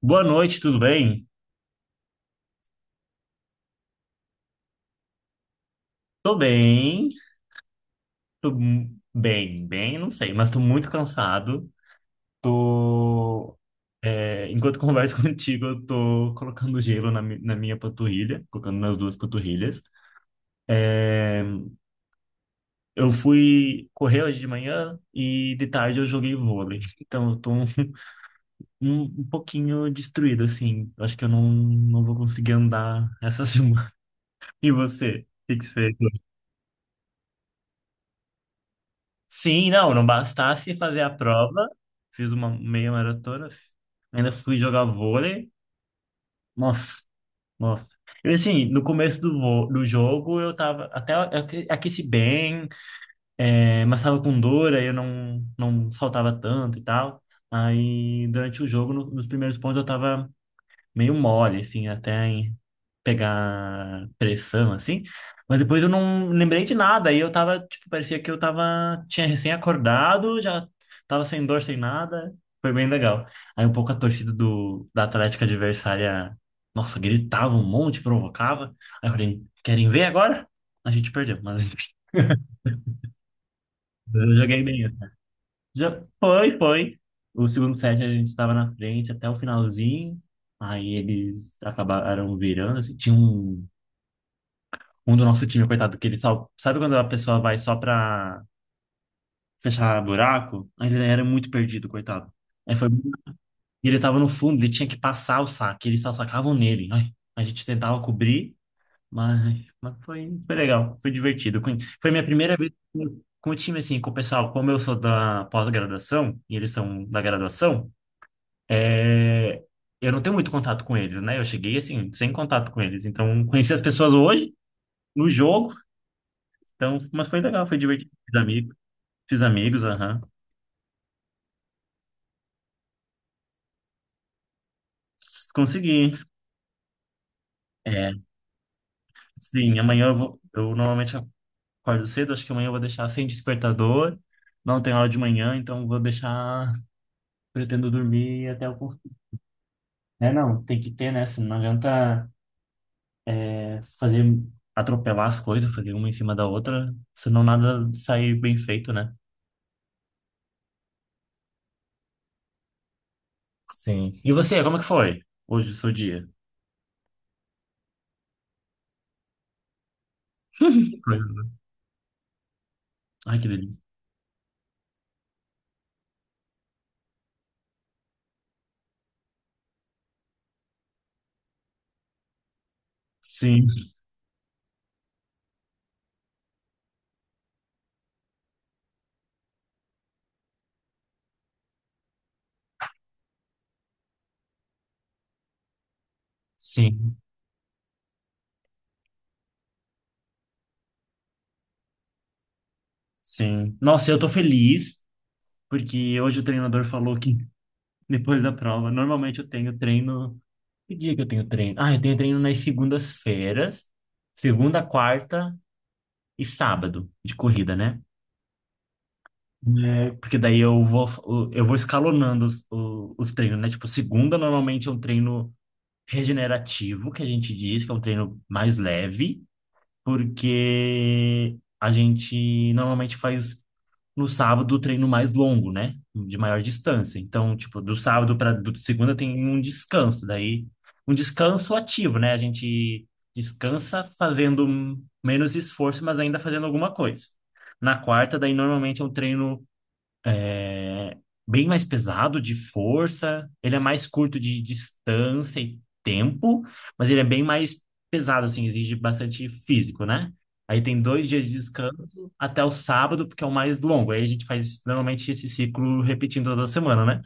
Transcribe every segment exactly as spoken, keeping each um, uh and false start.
Boa noite, tudo bem? Tô bem, tô m- bem, bem, não sei, mas tô muito cansado. Tô, é, enquanto converso contigo, eu tô colocando gelo na, mi- na minha panturrilha, colocando nas duas panturrilhas. É, eu fui correr hoje de manhã e de tarde eu joguei vôlei, então eu tô um, um, um pouquinho destruído, assim. Eu acho que eu não, não vou conseguir andar essa semana. E você? O que que você fez? Sim, não, não bastasse fazer a prova, fiz uma meia maratona, ainda fui jogar vôlei. Nossa, nossa. Eu, assim, no começo do, vo- do jogo, eu tava até aque- aqueci bem, é, mas tava com dor, aí eu não, não saltava tanto e tal. Aí, durante o jogo, no- nos primeiros pontos, eu tava meio mole, assim, até em pegar pressão, assim. Mas depois eu não lembrei de nada. Aí eu tava, tipo, parecia que eu tava, tinha recém-acordado, já tava sem dor, sem nada. Foi bem legal. Aí um pouco a torcida do, da Atlética adversária, nossa, gritava um monte, provocava. Aí eu falei, querem ver agora? A gente perdeu, mas enfim, eu joguei bem. Já foi, foi. O segundo set a gente estava na frente até o finalzinho. Aí eles acabaram virando, assim. Tinha um, um do nosso time, coitado, que ele só... Sabe quando a pessoa vai só pra fechar buraco? Aí ele era muito perdido, coitado. Aí foi... e ele tava no fundo, ele tinha que passar o saque. Eles só sacavam nele. Ai, a gente tentava cobrir, mas, mas foi, foi legal. Foi divertido. Foi foi minha primeira vez com com o time, assim, com o pessoal. Como eu sou da pós-graduação, e eles são da graduação... É, eu não tenho muito contato com eles, né? Eu cheguei assim, sem contato com eles. Então, conheci as pessoas hoje, no jogo. Então, mas foi legal, foi divertido. Fiz amigos, fiz amigos, aham. Consegui. É, sim, amanhã eu vou, eu normalmente acordo cedo, acho que amanhã eu vou deixar sem despertador. Não tem aula de manhã, então vou deixar, pretendo dormir até o consigo. É, não, tem que ter, né? Senão não adianta é, fazer atropelar as coisas, fazer uma em cima da outra, senão nada sair bem feito, né? Sim. E você, como é que foi hoje, o seu dia? Ai, que delícia. Sim, sim, sim. Nossa, eu tô feliz, porque hoje o treinador falou que depois da prova, normalmente eu tenho treino. Que dia que eu tenho treino? Ah, eu tenho treino nas segundas-feiras, segunda, quarta e sábado de corrida, né? É, porque daí eu vou, eu vou escalonando os, o- os treinos, né? Tipo, segunda normalmente é um treino regenerativo, que a gente diz, que é um treino mais leve. Porque a gente normalmente faz no sábado o treino mais longo, né? De maior distância. Então, tipo, do sábado para segunda tem um descanso, daí um descanso ativo, né? A gente descansa fazendo menos esforço, mas ainda fazendo alguma coisa. Na quarta, daí normalmente é um treino é bem mais pesado de força, ele é mais curto de distância e tempo, mas ele é bem mais pesado, assim, exige bastante físico, né? Aí tem dois dias de descanso até o sábado, porque é o mais longo. Aí a gente faz normalmente esse ciclo repetindo toda semana, né?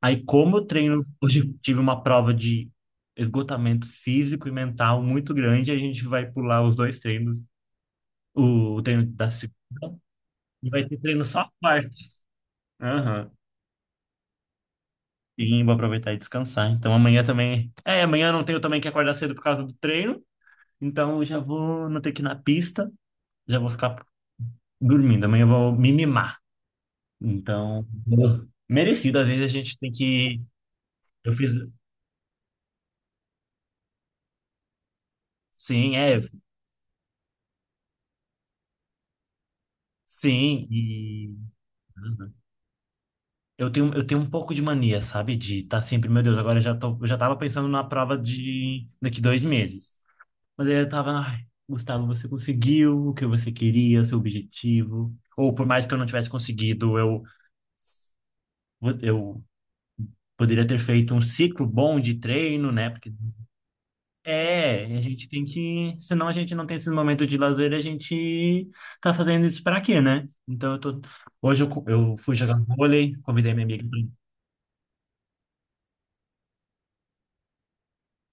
Aí, como eu treino, hoje eu tive uma prova de esgotamento físico e mental muito grande, a gente vai pular os dois treinos, o, treino da segunda, e vai ter treino só quarta. Aham. Sim, vou aproveitar e descansar. Então amanhã também. É, amanhã eu não tenho também que acordar cedo por causa do treino. Então eu já vou não ter que ir na pista. Já vou ficar dormindo. Amanhã eu vou me mimar. Então, eu- merecido. Às vezes a gente tem que. Eu fiz. Sim, é. Sim. E eu tenho, eu tenho um pouco de mania, sabe? De estar sempre, meu Deus, agora eu já tô, eu já tava pensando na prova de daqui dois meses. Mas aí eu tava, ai, Gustavo, você conseguiu o que você queria, o seu objetivo. Ou por mais que eu não tivesse conseguido, eu, eu poderia ter feito um ciclo bom de treino, né? Porque é, a gente tem que. Senão a gente não tem esse momento de lazer, a gente tá fazendo isso pra quê, né? Então eu tô. Hoje eu, co- eu fui jogar vôlei, convidei minha amiga.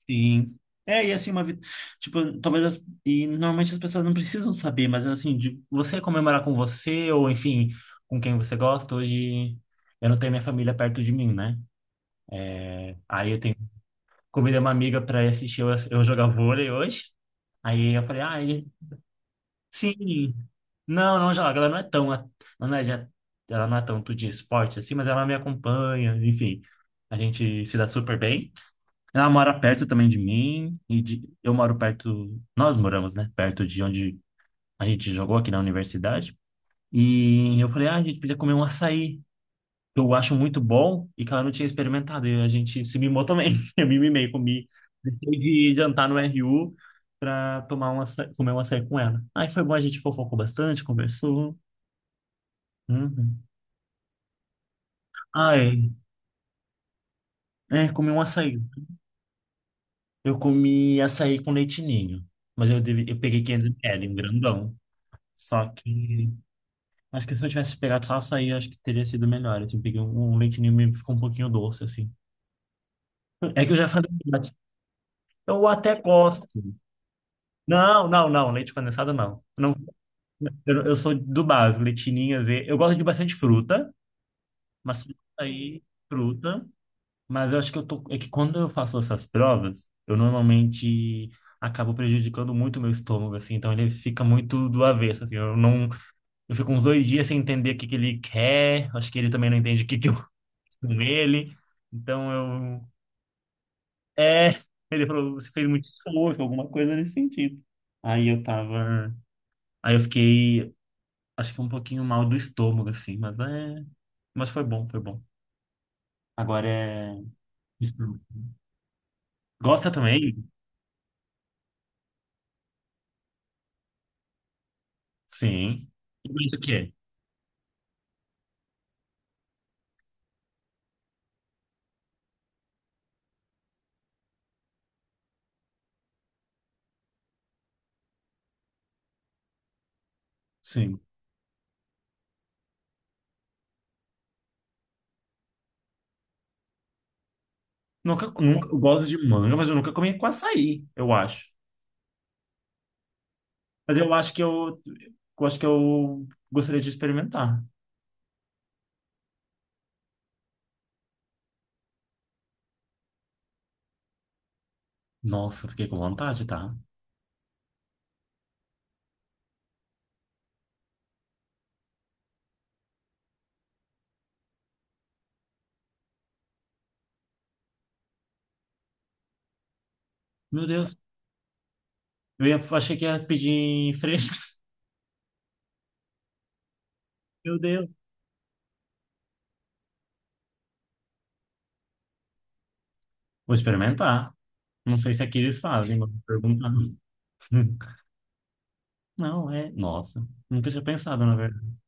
Sim. É, e assim, uma vida. Tipo, talvez. As... E normalmente as pessoas não precisam saber, mas assim, de você comemorar com você, ou enfim, com quem você gosta. Hoje eu não tenho minha família perto de mim, né? Aí eu tenho. Convidei uma amiga pra ir assistir eu, eu jogar vôlei hoje. Aí eu falei, ah, ele... Sim. Não, não joga. Ela não é tão. A- não é, de- ela não é tanto de esporte assim, mas ela me acompanha, enfim. A gente se dá super bem. Ela mora perto também de mim e de, eu moro perto, nós moramos, né, perto de onde a gente jogou aqui na universidade. E eu falei, ah, a gente podia comer um açaí, que eu acho muito bom e que ela não tinha experimentado. E a gente se mimou também. Eu me mimei, comi, deixei de jantar no R U pra tomar um açaí, comer um açaí com ela. Aí foi bom, a gente fofocou bastante, conversou. Uhum. Ai, é, comi um açaí. Eu comi açaí com leitinho, mas eu, deve, eu peguei quinhentos mililitros, um grandão. Só que acho que se eu tivesse pegado só açaí, acho que teria sido melhor. Assim, peguei um, um leite ninho e ficou um pouquinho doce, assim. É que eu já falei, eu até gosto. Não, não, não, leite condensado não. Eu, eu sou do básico, leite ninho, às vezes- eu gosto de bastante fruta, mas açaí, fruta. Mas eu acho que eu tô, é que quando eu faço essas provas, eu normalmente acabo prejudicando muito o meu estômago, assim. Então ele fica muito do avesso, assim. Eu não eu fico uns dois dias sem entender o que que ele quer. Acho que ele também não entende o que que eu fiz com ele. Então eu. É, ele falou, você fez muito esforço, alguma coisa nesse sentido. Aí eu tava. Aí eu fiquei, acho que um pouquinho mal do estômago, assim, mas é. Mas foi bom, foi bom. Agora é. Estômago. Gosta também? Sim. E mas o que é? Sim. Nunca, nunca, eu gosto de manga, mas eu nunca comi com açaí, eu acho. Mas eu acho que eu, eu acho que eu gostaria de experimentar. Nossa, fiquei com vontade, tá? Meu Deus, eu ia, achei que ia pedir fresco. Meu Deus. Vou experimentar. Não sei se aqui eles fazem, mas vou perguntar. Não, é. Nossa, nunca tinha pensado, na verdade.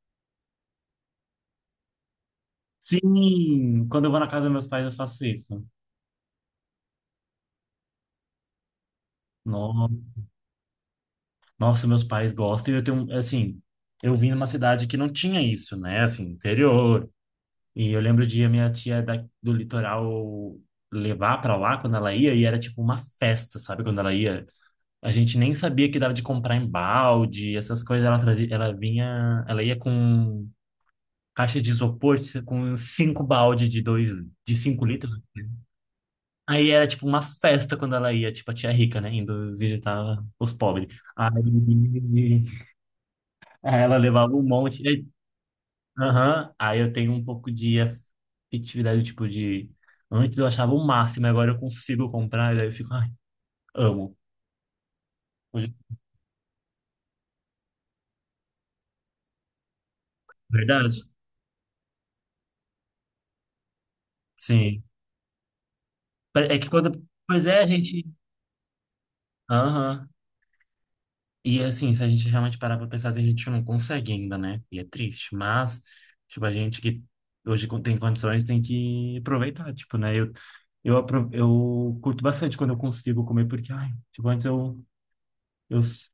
Sim, quando eu vou na casa dos meus pais, eu faço isso. No- nossa, meus pais gostam. E eu tenho, assim, eu vim numa cidade que não tinha isso, né? Assim, interior. E eu lembro de a minha tia da- do litoral levar pra lá quando ela ia, e era tipo uma festa, sabe? Quando ela ia. A gente nem sabia que dava de comprar em balde, essas coisas. Ela, trazia- ela vinha, ela ia com caixa de isopor, com cinco balde de dois, de cinco litros. Aí era tipo uma festa quando ela ia, tipo a tia rica, né, indo visitar os pobres. Aí, aí ela levava um monte. Aí, aham. Aí eu tenho um pouco de afetividade, tipo de. Antes eu achava o máximo, agora eu consigo comprar, e daí eu fico, ai, amo. Hoje- é verdade? Sim. É que quando. Pois é, gente. Aham. E assim, se a gente realmente parar pra pensar, a gente que não consegue ainda, né? E é triste, mas, tipo, a gente que hoje con- tem condições tem que aproveitar, tipo, né? Eu, eu, apro- eu curto bastante quando eu consigo comer, porque, ai, tipo, antes eu, eu, s-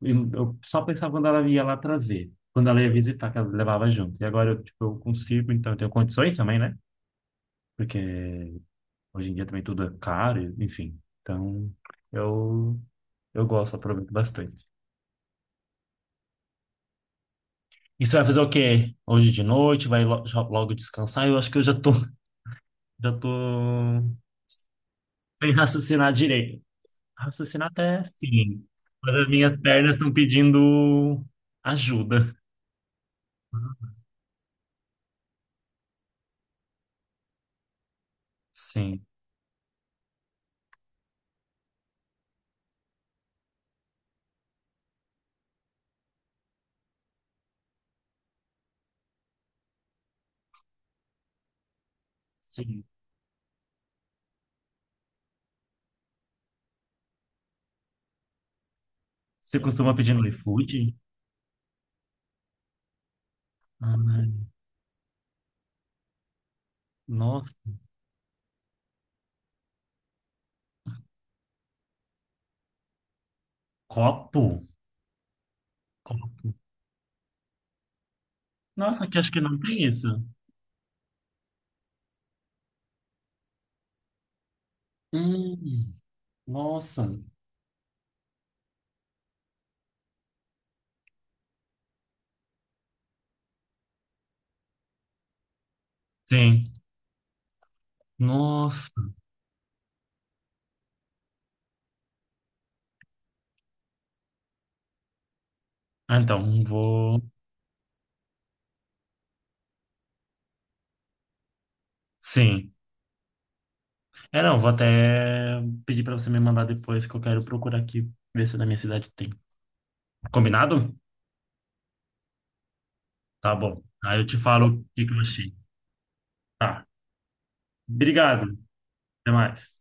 eu, eu só pensava quando ela ia lá trazer, quando ela ia visitar, que ela levava junto. E agora eu, tipo, eu consigo, então eu tenho condições também, né? Porque hoje em dia também tudo é caro, enfim. Então, eu, eu gosto, aproveito bastante. E você vai fazer o quê? Hoje de noite? Vai lo- já- logo descansar? Eu acho que eu já tô, já tô sem raciocinar direito. Raciocinar até sim. Mas as minhas pernas estão pedindo ajuda. Sim, sim. Você costuma pedir no iFood? Ai, nossa. Copo? Copo. Nossa, aqui acho que não tem isso. Hum, nossa. Sim. Nossa. Ah, então, vou. Sim. É, não, vou até pedir pra você me mandar depois que eu quero procurar aqui, ver se na minha cidade tem. Combinado? Tá bom. Aí eu te falo o que que eu achei. Tá. Obrigado. Até mais.